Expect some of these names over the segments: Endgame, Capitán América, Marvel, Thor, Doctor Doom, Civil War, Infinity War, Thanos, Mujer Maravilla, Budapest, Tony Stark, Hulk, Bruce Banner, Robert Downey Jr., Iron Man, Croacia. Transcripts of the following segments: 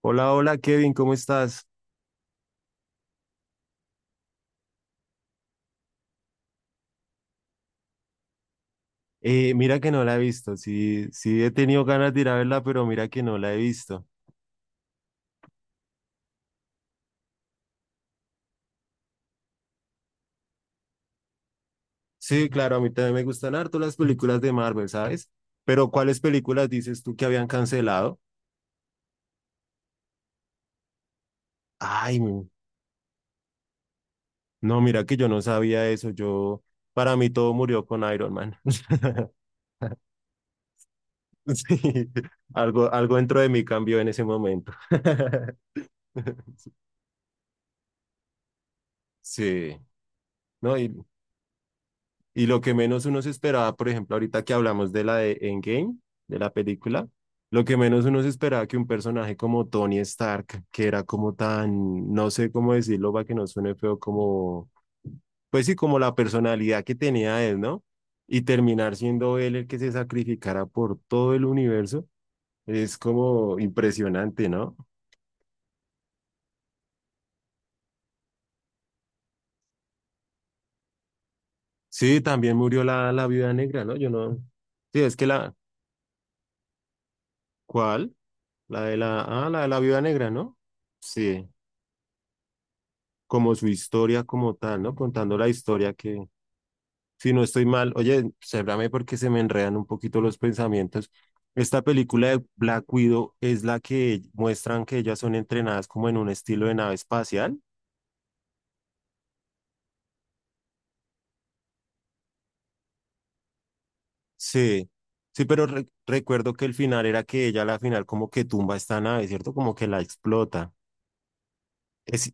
Hola, hola Kevin, ¿cómo estás? Mira que no la he visto, sí, he tenido ganas de ir a verla, pero mira que no la he visto. Sí, claro, a mí también me gustan harto las películas de Marvel, ¿sabes? Pero ¿cuáles películas dices tú que habían cancelado? Ay, no, mira que yo no sabía eso, yo, para mí todo murió con Iron Man. Sí, algo dentro de mí cambió en ese momento. Sí, no, y lo que menos uno se esperaba, por ejemplo, ahorita que hablamos de la de Endgame, de la película, lo que menos uno se esperaba que un personaje como Tony Stark, que era como tan, no sé cómo decirlo para que no suene feo, como, pues sí, como la personalidad que tenía él, ¿no? Y terminar siendo él el que se sacrificara por todo el universo, es como impresionante, ¿no? Sí, también murió la viuda negra, ¿no? Yo no. Sí, es que ¿cuál? La de la de la viuda negra, ¿no? Sí, como su historia como tal, ¿no? Contando la historia que, si no estoy mal, oye, cébrame porque se me enredan un poquito los pensamientos. Esta película de Black Widow es la que muestran que ellas son entrenadas como en un estilo de nave espacial. Sí, recuerdo que el final era que ella a la final como que tumba esta nave, ¿cierto? Como que la explota. Es-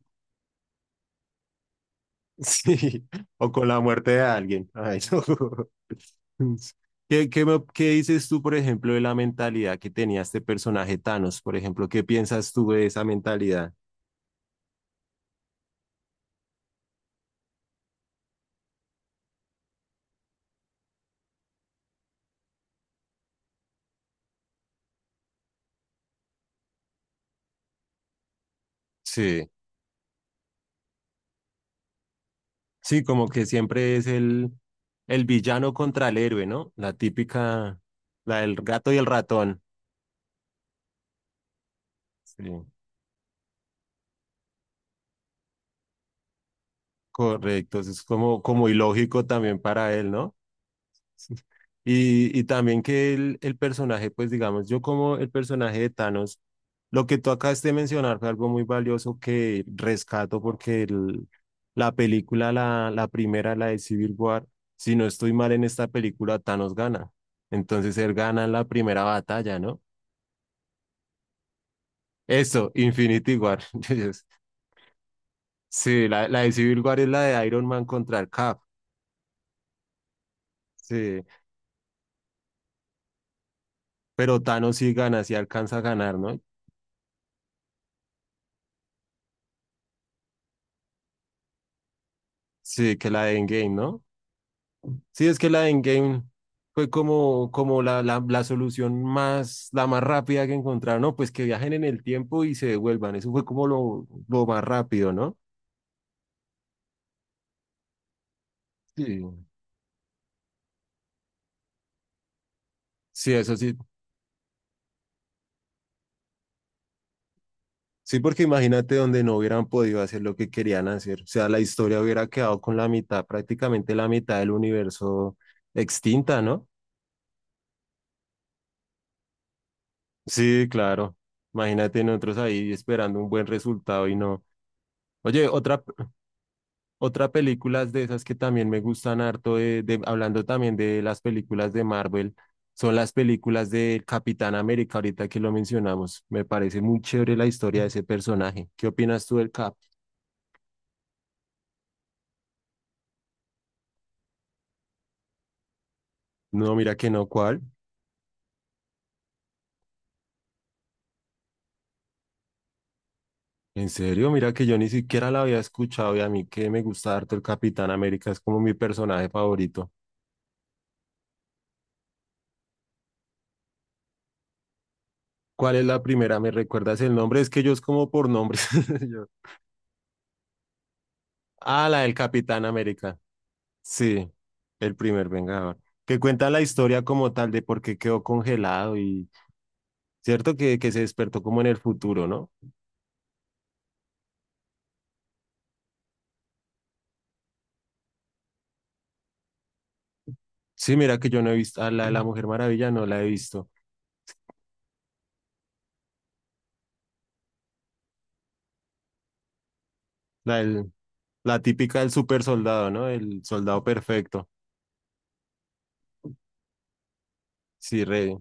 sí, o con la muerte de alguien. Ay, no. Qué dices tú, por ejemplo, de la mentalidad que tenía este personaje Thanos? Por ejemplo, ¿qué piensas tú de esa mentalidad? Sí, sí, como que siempre es el villano contra el héroe, ¿no? La típica, la del gato y el ratón. Sí, correcto, eso es como, como ilógico también para él, ¿no? Y también que el personaje, pues digamos, yo como el personaje de Thanos, lo que tú acabas de mencionar fue algo muy valioso que rescato porque la película, la primera, la de Civil War, si no estoy mal en esta película, Thanos gana. Entonces él gana en la primera batalla, ¿no? Eso, Infinity War. Entonces, sí, la de Civil War es la de Iron Man contra el Cap. Sí, pero Thanos sí gana, sí alcanza a ganar, ¿no? Sí, que la de Endgame, ¿no? Sí, es que la de Endgame fue como, como la solución más, la más rápida que encontraron, ¿no? Pues que viajen en el tiempo y se devuelvan. Eso fue como lo más rápido, ¿no? Sí. Sí, eso sí. Sí, porque imagínate donde no hubieran podido hacer lo que querían hacer. O sea, la historia hubiera quedado con la mitad, prácticamente la mitad del universo extinta, ¿no? Sí, claro. Imagínate nosotros ahí esperando un buen resultado y no. Oye, otra, Otra película de esas que también me gustan harto, de, hablando también de las películas de Marvel, son las películas de Capitán América, ahorita que lo mencionamos. Me parece muy chévere la historia de ese personaje. ¿Qué opinas tú del Cap? No, mira que no, ¿cuál? En serio, mira que yo ni siquiera la había escuchado y a mí que me gusta harto el Capitán América, es como mi personaje favorito. ¿Cuál es la primera? ¿Me recuerdas el nombre? Es que yo es como por nombres. Yo. Ah, la del Capitán América. Sí, el primer Vengador. Que cuenta la historia como tal de por qué quedó congelado y cierto que se despertó como en el futuro, ¿no? Sí, mira que yo no he visto, a la de la Mujer Maravilla no la he visto. La, del- la típica del super soldado, ¿no? El soldado perfecto. Sí, re.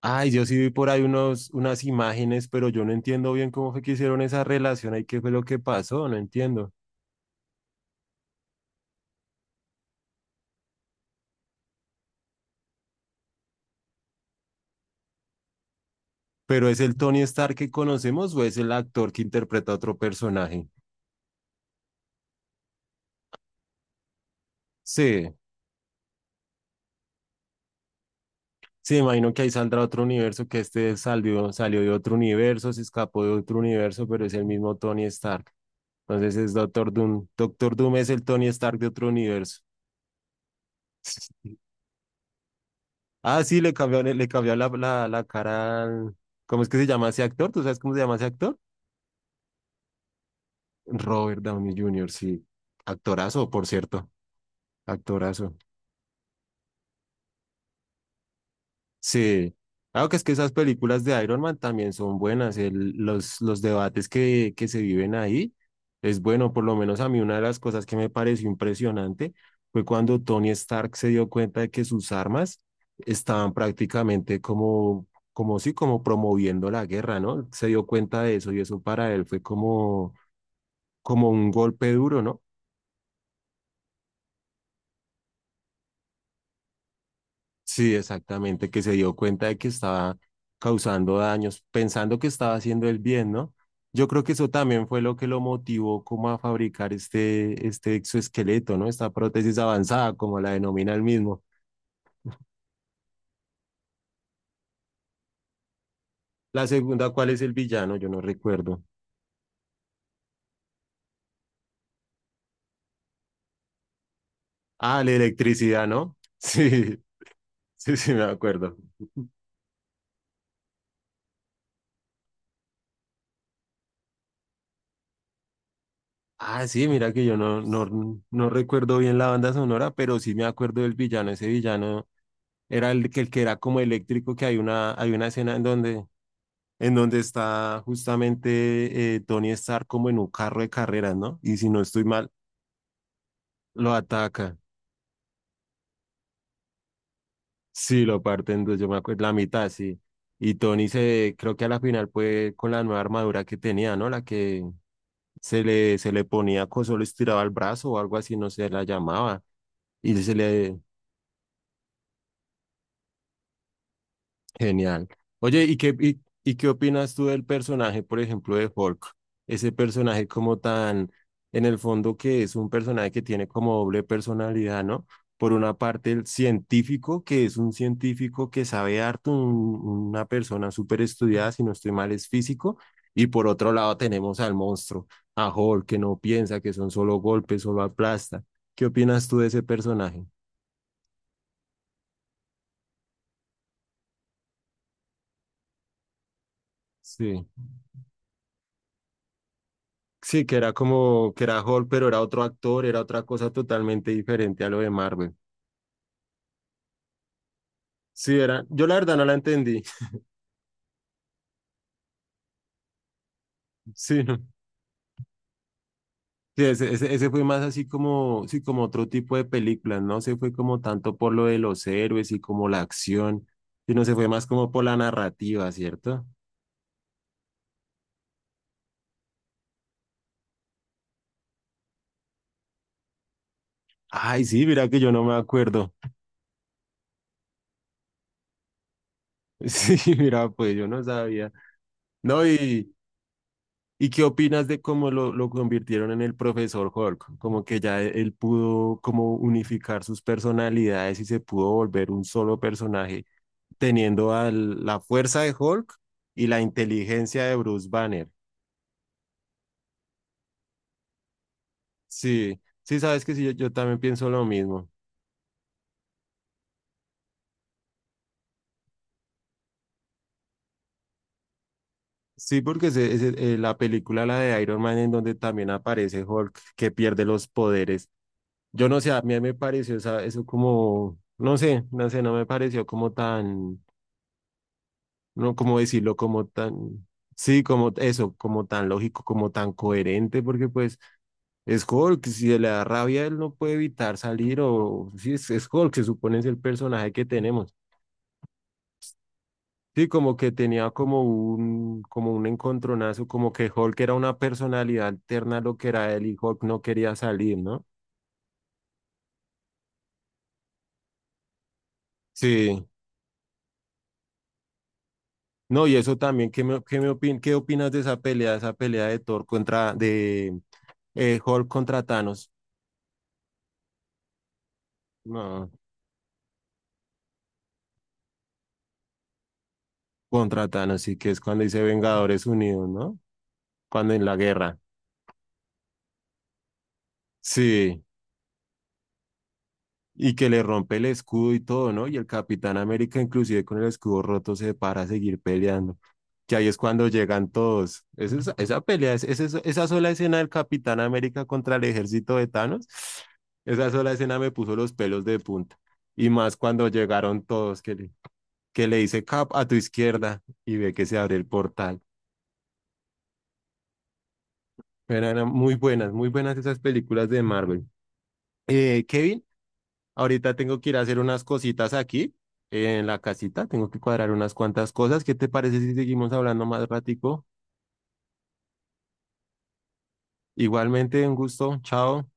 Ay, yo sí vi por ahí unas imágenes, pero yo no entiendo bien cómo fue que hicieron esa relación ahí, qué fue lo que pasó, no entiendo. ¿Pero es el Tony Stark que conocemos o es el actor que interpreta a otro personaje? Sí. Sí, imagino que ahí saldrá otro universo, que este salió, salió de otro universo, se escapó de otro universo, pero es el mismo Tony Stark. Entonces es Doctor Doom. Doctor Doom es el Tony Stark de otro universo. Ah, sí, le cambió la cara al... ¿Cómo es que se llama ese actor? ¿Tú sabes cómo se llama ese actor? Robert Downey Jr., sí. Actorazo, por cierto. Actorazo. Sí, claro que es que esas películas de Iron Man también son buenas, los debates que se viven ahí es bueno, por lo menos a mí una de las cosas que me pareció impresionante fue cuando Tony Stark se dio cuenta de que sus armas estaban prácticamente como, como sí, como promoviendo la guerra, ¿no? Se dio cuenta de eso y eso para él fue como, como un golpe duro, ¿no? Sí, exactamente, que se dio cuenta de que estaba causando daños, pensando que estaba haciendo el bien, ¿no? Yo creo que eso también fue lo que lo motivó como a fabricar este exoesqueleto, ¿no? Esta prótesis avanzada, como la denomina él mismo. La segunda, ¿cuál es el villano? Yo no recuerdo. Ah, la electricidad, ¿no? Sí, me acuerdo. Ah, sí, mira que yo no, no recuerdo bien la banda sonora, pero sí me acuerdo del villano. Ese villano era el que era como eléctrico, que hay hay una escena en donde está justamente Tony Stark como en un carro de carreras, ¿no? Y si no estoy mal, lo ataca. Sí, lo parten dos, yo me acuerdo, la mitad, sí. Y Tony se, creo que a la final fue con la nueva armadura que tenía, ¿no? La que se le ponía, solo estiraba el brazo o algo así, no sé, la llamaba. Y se le, genial. Oye, y qué opinas tú del personaje, por ejemplo, de Hulk? Ese personaje como tan, en el fondo que es un personaje que tiene como doble personalidad, ¿no? Por una parte, el científico, que es un científico que sabe harto, una persona súper estudiada, si no estoy mal, es físico. Y por otro lado tenemos al monstruo, a Hulk, que no piensa, que son solo golpes, solo aplasta. ¿Qué opinas tú de ese personaje? Sí, Sí, que era como que era Hulk, pero era otro actor, era otra cosa totalmente diferente a lo de Marvel. Sí, era, yo la verdad no la entendí. Sí, no. Sí, ese fue más así como, sí, como otro tipo de películas, no se fue como tanto por lo de los héroes y como la acción, sino se fue más como por la narrativa, ¿cierto? Ay, sí, mira que yo no me acuerdo. Sí, mira, pues yo no sabía. No, y, ¿Y qué opinas de cómo lo convirtieron en el profesor Hulk? Como que ya él pudo como unificar sus personalidades y se pudo volver un solo personaje, teniendo la fuerza de Hulk y la inteligencia de Bruce Banner. Sí, sí, sabes que sí, yo también pienso lo mismo. Sí, porque es, la película, la de Iron Man, en donde también aparece Hulk, que pierde los poderes. Yo no sé, a mí me pareció eso como, no sé, no me pareció como tan, no como decirlo como tan, sí, como eso, como tan lógico, como tan coherente, porque pues es Hulk, si le da rabia él no puede evitar salir o sí, es Hulk, se supone es el personaje que tenemos. Sí, como que tenía como un encontronazo, como que Hulk era una personalidad alterna a lo que era él, y Hulk no quería salir, ¿no? Sí. No, y eso también, qué opinas de esa pelea de Thor contra, de Hulk contra Thanos? No, contra Thanos, y que es cuando dice Vengadores Unidos, ¿no? Cuando en la guerra. Sí, y que le rompe el escudo y todo, ¿no? Y el Capitán América, inclusive con el escudo roto, se para a seguir peleando. Que ahí es cuando llegan todos. Es esa pelea, es esa sola escena del Capitán América contra el ejército de Thanos, esa sola escena me puso los pelos de punta. Y más cuando llegaron todos, que que le dice Cap a tu izquierda y ve que se abre el portal. Pero eran muy buenas esas películas de Marvel. Kevin, ahorita tengo que ir a hacer unas cositas aquí en la casita, tengo que cuadrar unas cuantas cosas. ¿Qué te parece si seguimos hablando más ratico? Igualmente, un gusto, chao.